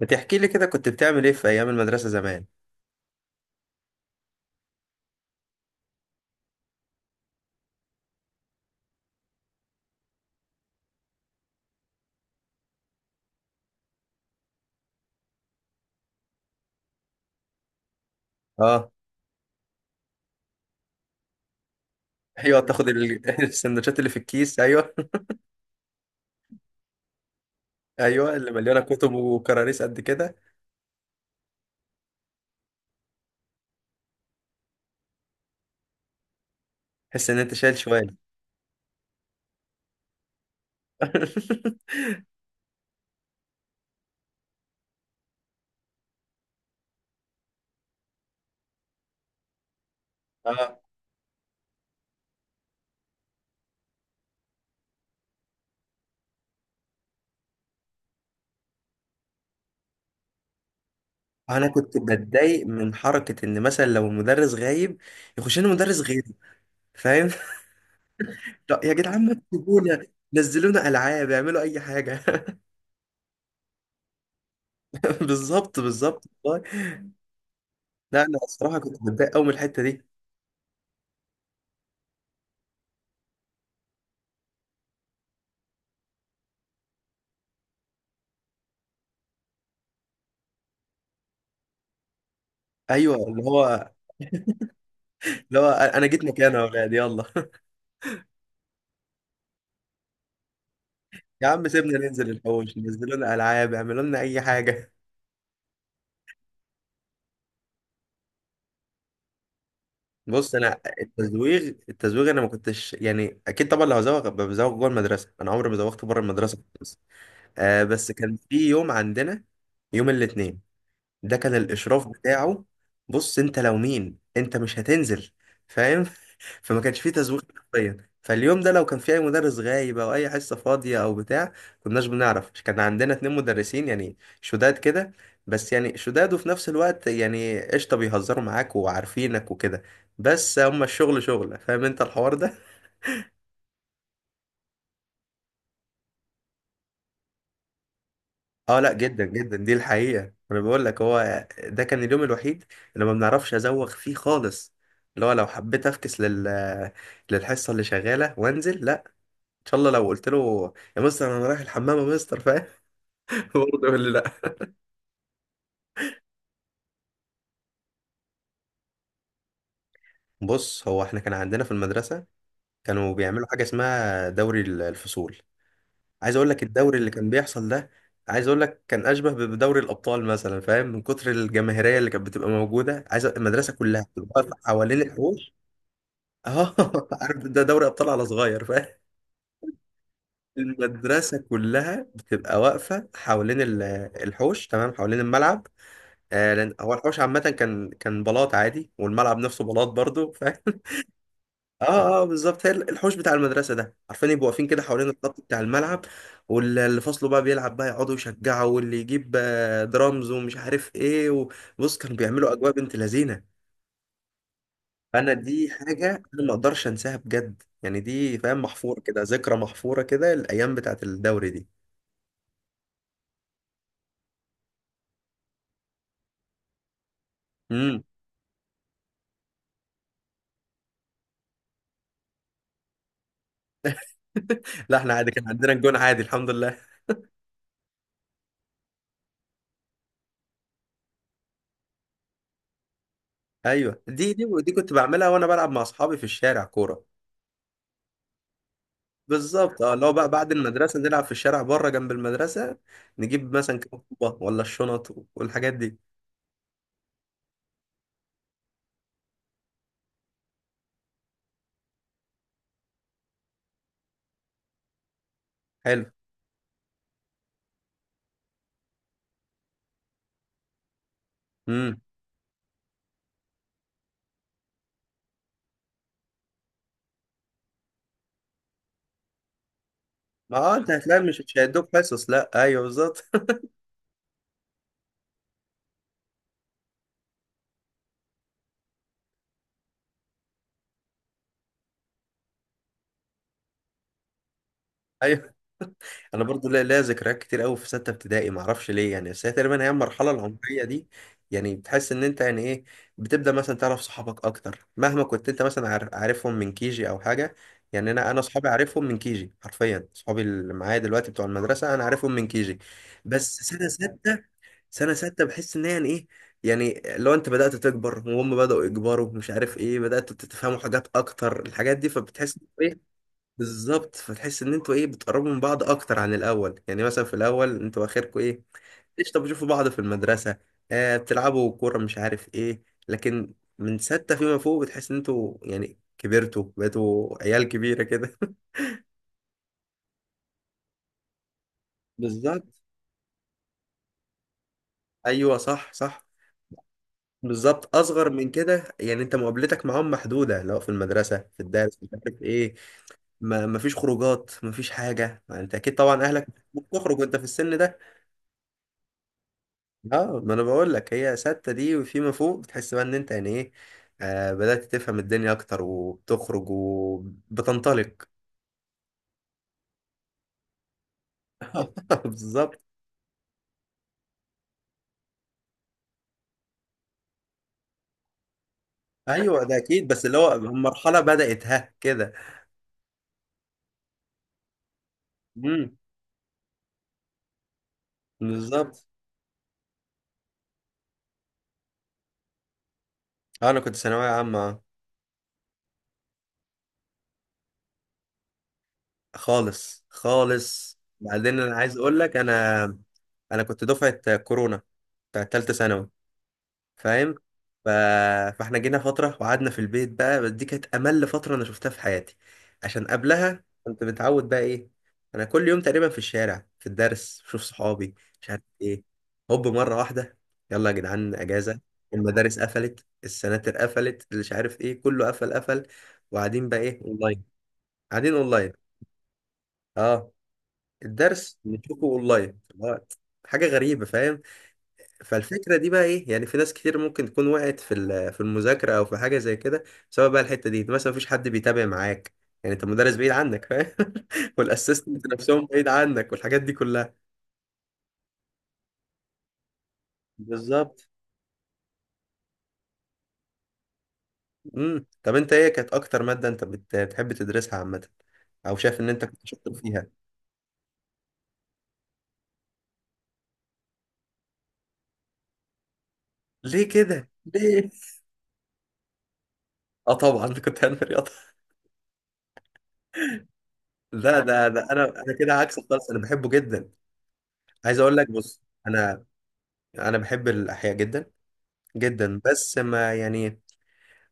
ما تحكي لي كده، كنت بتعمل ايه في ايام المدرسه زمان؟ اه ايوه، تاخد السندوتشات اللي في الكيس، ايوه. ايوه، اللي مليانه كتب وكراريس قد كده. تحس ان انت شايل شوال. اه انا كنت بتضايق من حركه ان مثلا لو المدرس غايب يخش لنا مدرس غيري، فاهم؟ لا يا جدعان، ما تسيبونا، نزلونا العاب، اعملوا اي حاجه. بالظبط بالظبط والله. لا انا الصراحه كنت بتضايق قوي من الحته دي. ايوه، اللي هو، اللي هو انا جيت مكانه يا اولاد يلا. يا عم سيبنا ننزل الحوش، نزلوا لنا العاب، اعملوا لنا اي حاجه. بص، انا التزويغ، التزويغ انا ما كنتش، يعني اكيد طبعا لو هزوغ أبقى بزوغ جوه المدرسه، انا عمري ما زوغت بره المدرسه خالص. آه بس كان في يوم عندنا، يوم الاثنين ده كان الاشراف بتاعه، بص انت لو مين انت مش هتنزل، فاهم؟ فما كانش فيه تزويق حرفيا، فاليوم ده لو كان في اي مدرس غايب او اي حصه فاضيه او بتاع، كناش بنعرف. كان عندنا اتنين مدرسين يعني شداد كده، بس يعني شداد وفي نفس الوقت يعني قشطه، بيهزروا معاك وعارفينك وكده، بس هما الشغل شغله، فاهم انت الحوار ده؟ اه لا، جدا جدا، دي الحقيقة. انا بقول لك، هو ده كان اليوم الوحيد اللي ما بنعرفش ازوغ فيه خالص. اللي هو لو حبيت افكس لل، للحصة اللي شغالة وانزل، لا، ان شاء الله. لو قلت له يا مستر انا رايح الحمام يا مستر، فاهم؟ برضه يقول لي لا. بص، هو احنا كان عندنا في المدرسة كانوا بيعملوا حاجة اسمها دوري الفصول. عايز اقول لك، الدوري اللي كان بيحصل ده، عايز اقول لك كان اشبه بدوري الابطال مثلا، فاهم، من كتر الجماهيريه اللي كانت بتبقى موجوده. عايز المدرسه كلها بتبقى واقفة حوالين الحوش. اه عارف، ده دوري ابطال على صغير، فاهم؟ المدرسه كلها بتبقى واقفه حوالين الحوش، تمام، حوالين الملعب. آه، لان هو الحوش عامه كان بلاط عادي، والملعب نفسه بلاط برضو، فاهم؟ اه بالظبط، هي الحوش بتاع المدرسه ده، عارفين، يبقوا واقفين كده حوالين الخط بتاع الملعب. واللي فصله بقى بيلعب بقى يقعدوا يشجعوا، واللي يجيب درامز ومش عارف ايه. وبص، كانوا بيعملوا اجواء بنت لذينه. انا دي حاجه انا ما اقدرش انساها بجد، يعني دي، فاهم، محفوره كده، ذكرى محفوره كده الايام بتاعت الدوري دي. امم لا احنا عادي، كان عندنا الجون عادي الحمد لله. ايوه، دي كنت بعملها وانا بلعب مع اصحابي في الشارع كوره. بالظبط، لو بقى بعد المدرسه نلعب في الشارع بره جنب المدرسه، نجيب مثلا كام طوبه ولا الشنط والحاجات دي. حلو. امم ما انت هتلاقي مش هيدوك حصص، لا، ايوه بالظبط. انا برضو ليا ذكريات كتير قوي في سته ابتدائي، ما اعرفش ليه يعني، بس هي تقريبا هي المرحله العمريه دي، يعني بتحس ان انت يعني ايه، بتبدا مثلا تعرف صحابك اكتر. مهما كنت انت مثلا عارفهم من كيجي او حاجه، يعني انا صحابي عارفهم من كيجي، حرفيا، صحابي اللي معايا دلوقتي بتوع المدرسه انا عارفهم من كيجي، بس سنه سته، سنه سته بحس ان هي يعني ايه، يعني لو انت بدات تكبر وهم بداوا يكبروا مش عارف ايه، بدات تتفهموا حاجات اكتر، الحاجات دي فبتحس بالظبط. فتحس ان انتوا ايه، بتقربوا من بعض اكتر عن الاول. يعني مثلا في الاول انتوا اخركم ايه، ايش، طب بتشوفوا بعض في المدرسه، آه بتلعبوا كوره مش عارف ايه، لكن من سته فيما فوق بتحس ان انتوا يعني كبرتوا، بقيتوا عيال كبيره كده. بالظبط، ايوه صح صح. بالظبط اصغر من كده، يعني انت مقابلتك معاهم محدوده، لو في المدرسه في الدرس مش عارف ايه، ما ما فيش خروجات، ما فيش حاجه، ما انت اكيد طبعا اهلك بتخرج وانت في السن ده؟ اه ما انا بقول لك، هي ستة دي وفيما فوق بتحس بقى ان انت يعني ايه، آه بدأت تفهم الدنيا اكتر وبتخرج وبتنطلق. بالظبط. ايوه ده اكيد، بس اللي هو المرحلة بدأت ها كده. امم بالظبط. آه، انا كنت ثانوية عامة. خالص خالص. بعدين انا عايز اقول لك، انا كنت دفعة كورونا بتاعت تالتة ثانوي، فاهم؟ ف... فاحنا جينا فترة وقعدنا في البيت بقى، بس دي كانت أمل فترة أنا شفتها في حياتي. عشان قبلها كنت متعود بقى إيه، أنا كل يوم تقريبا في الشارع في الدرس بشوف صحابي مش عارف إيه، هوب مرة واحدة، يلا يا جدعان أجازة، المدارس قفلت، السناتر قفلت، اللي مش عارف إيه كله قفل قفل، وقاعدين بقى إيه، أونلاين، قاعدين أونلاين. أه، الدرس نشوفه أونلاين، حاجة غريبة، فاهم؟ فالفكرة دي بقى ايه، يعني في ناس كتير ممكن تكون وقعت في في المذاكرة او في حاجة زي كده. سواء بقى الحتة دي مثلا مفيش حد بيتابع معاك، يعني انت المدرس بعيد عنك، فاهم؟ والاسيستنت نفسهم بعيد عنك، والحاجات دي كلها. بالظبط. طب انت ايه كانت اكتر مادة انت بتحب تدرسها عامة، او شايف ان انت كنت شاطر فيها؟ ليه كده؟ ليه؟ اه طبعا كنت علمي رياضة. لا، ده انا كده عكسك خالص، انا بحبه جدا. عايز اقول لك، بص، انا انا بحب الاحياء جدا جدا، بس ما يعني،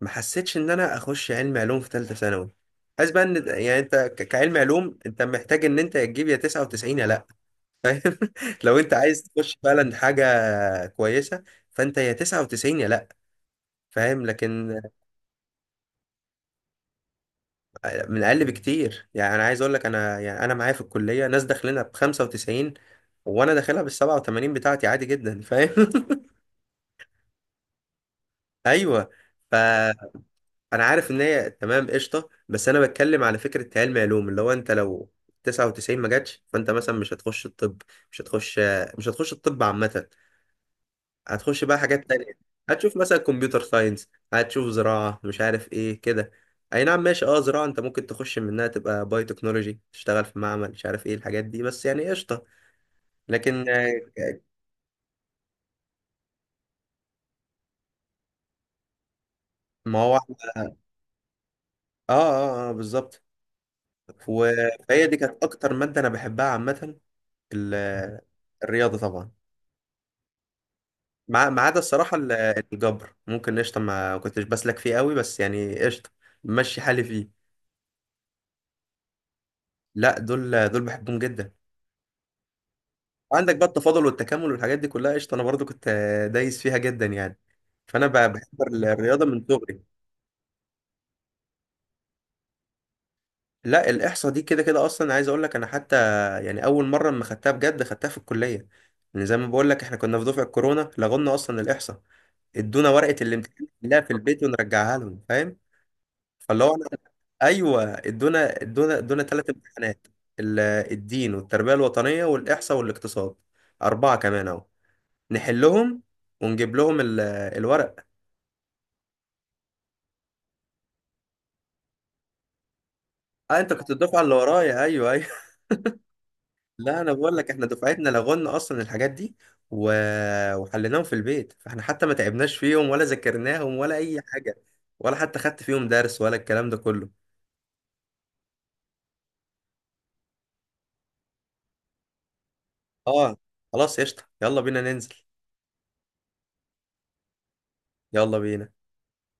ما حسيتش ان انا اخش علم علوم في ثالثه ثانوي. حاسس بقى ان، يعني انت كعلم علوم انت محتاج ان انت تجيب يا 99 يا لا. لو انت عايز تخش فعلا حاجه كويسه، فانت يا 99 يا لا، فاهم؟ لكن من اقل بكتير. يعني انا عايز اقول لك، انا يعني انا معايا في الكليه ناس داخلينها ب 95، وانا داخلها بال 87 بتاعتي عادي جدا، فاهم؟ ايوه. ف انا عارف ان هي تمام قشطه، بس انا بتكلم على فكره، علم علوم اللي هو انت لو 99 ما جاتش، فانت مثلا مش هتخش الطب، مش هتخش، مش هتخش الطب عامه، هتخش بقى حاجات تانية. هتشوف مثلا كمبيوتر ساينس، هتشوف زراعه مش عارف ايه كده. اي نعم ماشي، اه زراعه انت ممكن تخش منها تبقى باي تكنولوجي، تشتغل في معمل مش عارف ايه الحاجات دي، بس يعني قشطه. لكن آه، ما هو احنا اه, آه بالظبط. و- فهي دي كانت اكتر ماده انا بحبها عامه، ال- الرياضه طبعا. ما ما عدا الصراحة الجبر، ممكن قشطة ما كنتش بسلك فيه قوي، بس يعني قشطة، ماشي حالي فيه. لا دول، دول بحبهم جدا. عندك بقى التفاضل والتكامل والحاجات دي كلها قشطة، أنا برضو كنت دايس فيها جدا يعني. فأنا بحب الرياضة من صغري. لا الإحصاء دي كده كده أصلا، عايز أقول لك أنا حتى، يعني أول مرة لما خدتها بجد خدتها في الكلية، يعني زي ما بقول لك إحنا كنا في دفعة كورونا لغونا أصلا الإحصاء، ادونا ورقة الامتحان نحلها في البيت ونرجعها لهم، فاهم؟ فاللي هو انا، ايوه، ادونا ادونا ثلاث امتحانات، ال- الدين والتربيه الوطنيه والاحصاء والاقتصاد، اربعه كمان اهو، نحلهم ونجيب لهم الورق. اه انت كنت الدفعه اللي ورايا، ايوه ايوه. لا انا بقول لك، احنا دفعتنا لغونا اصلا الحاجات دي و... وحليناهم في البيت، فاحنا حتى ما تعبناش فيهم ولا ذاكرناهم ولا اي حاجه، ولا حتى خدت فيهم درس ولا الكلام ده كله. اه خلاص قشطه، يلا بينا ننزل. يلا بينا.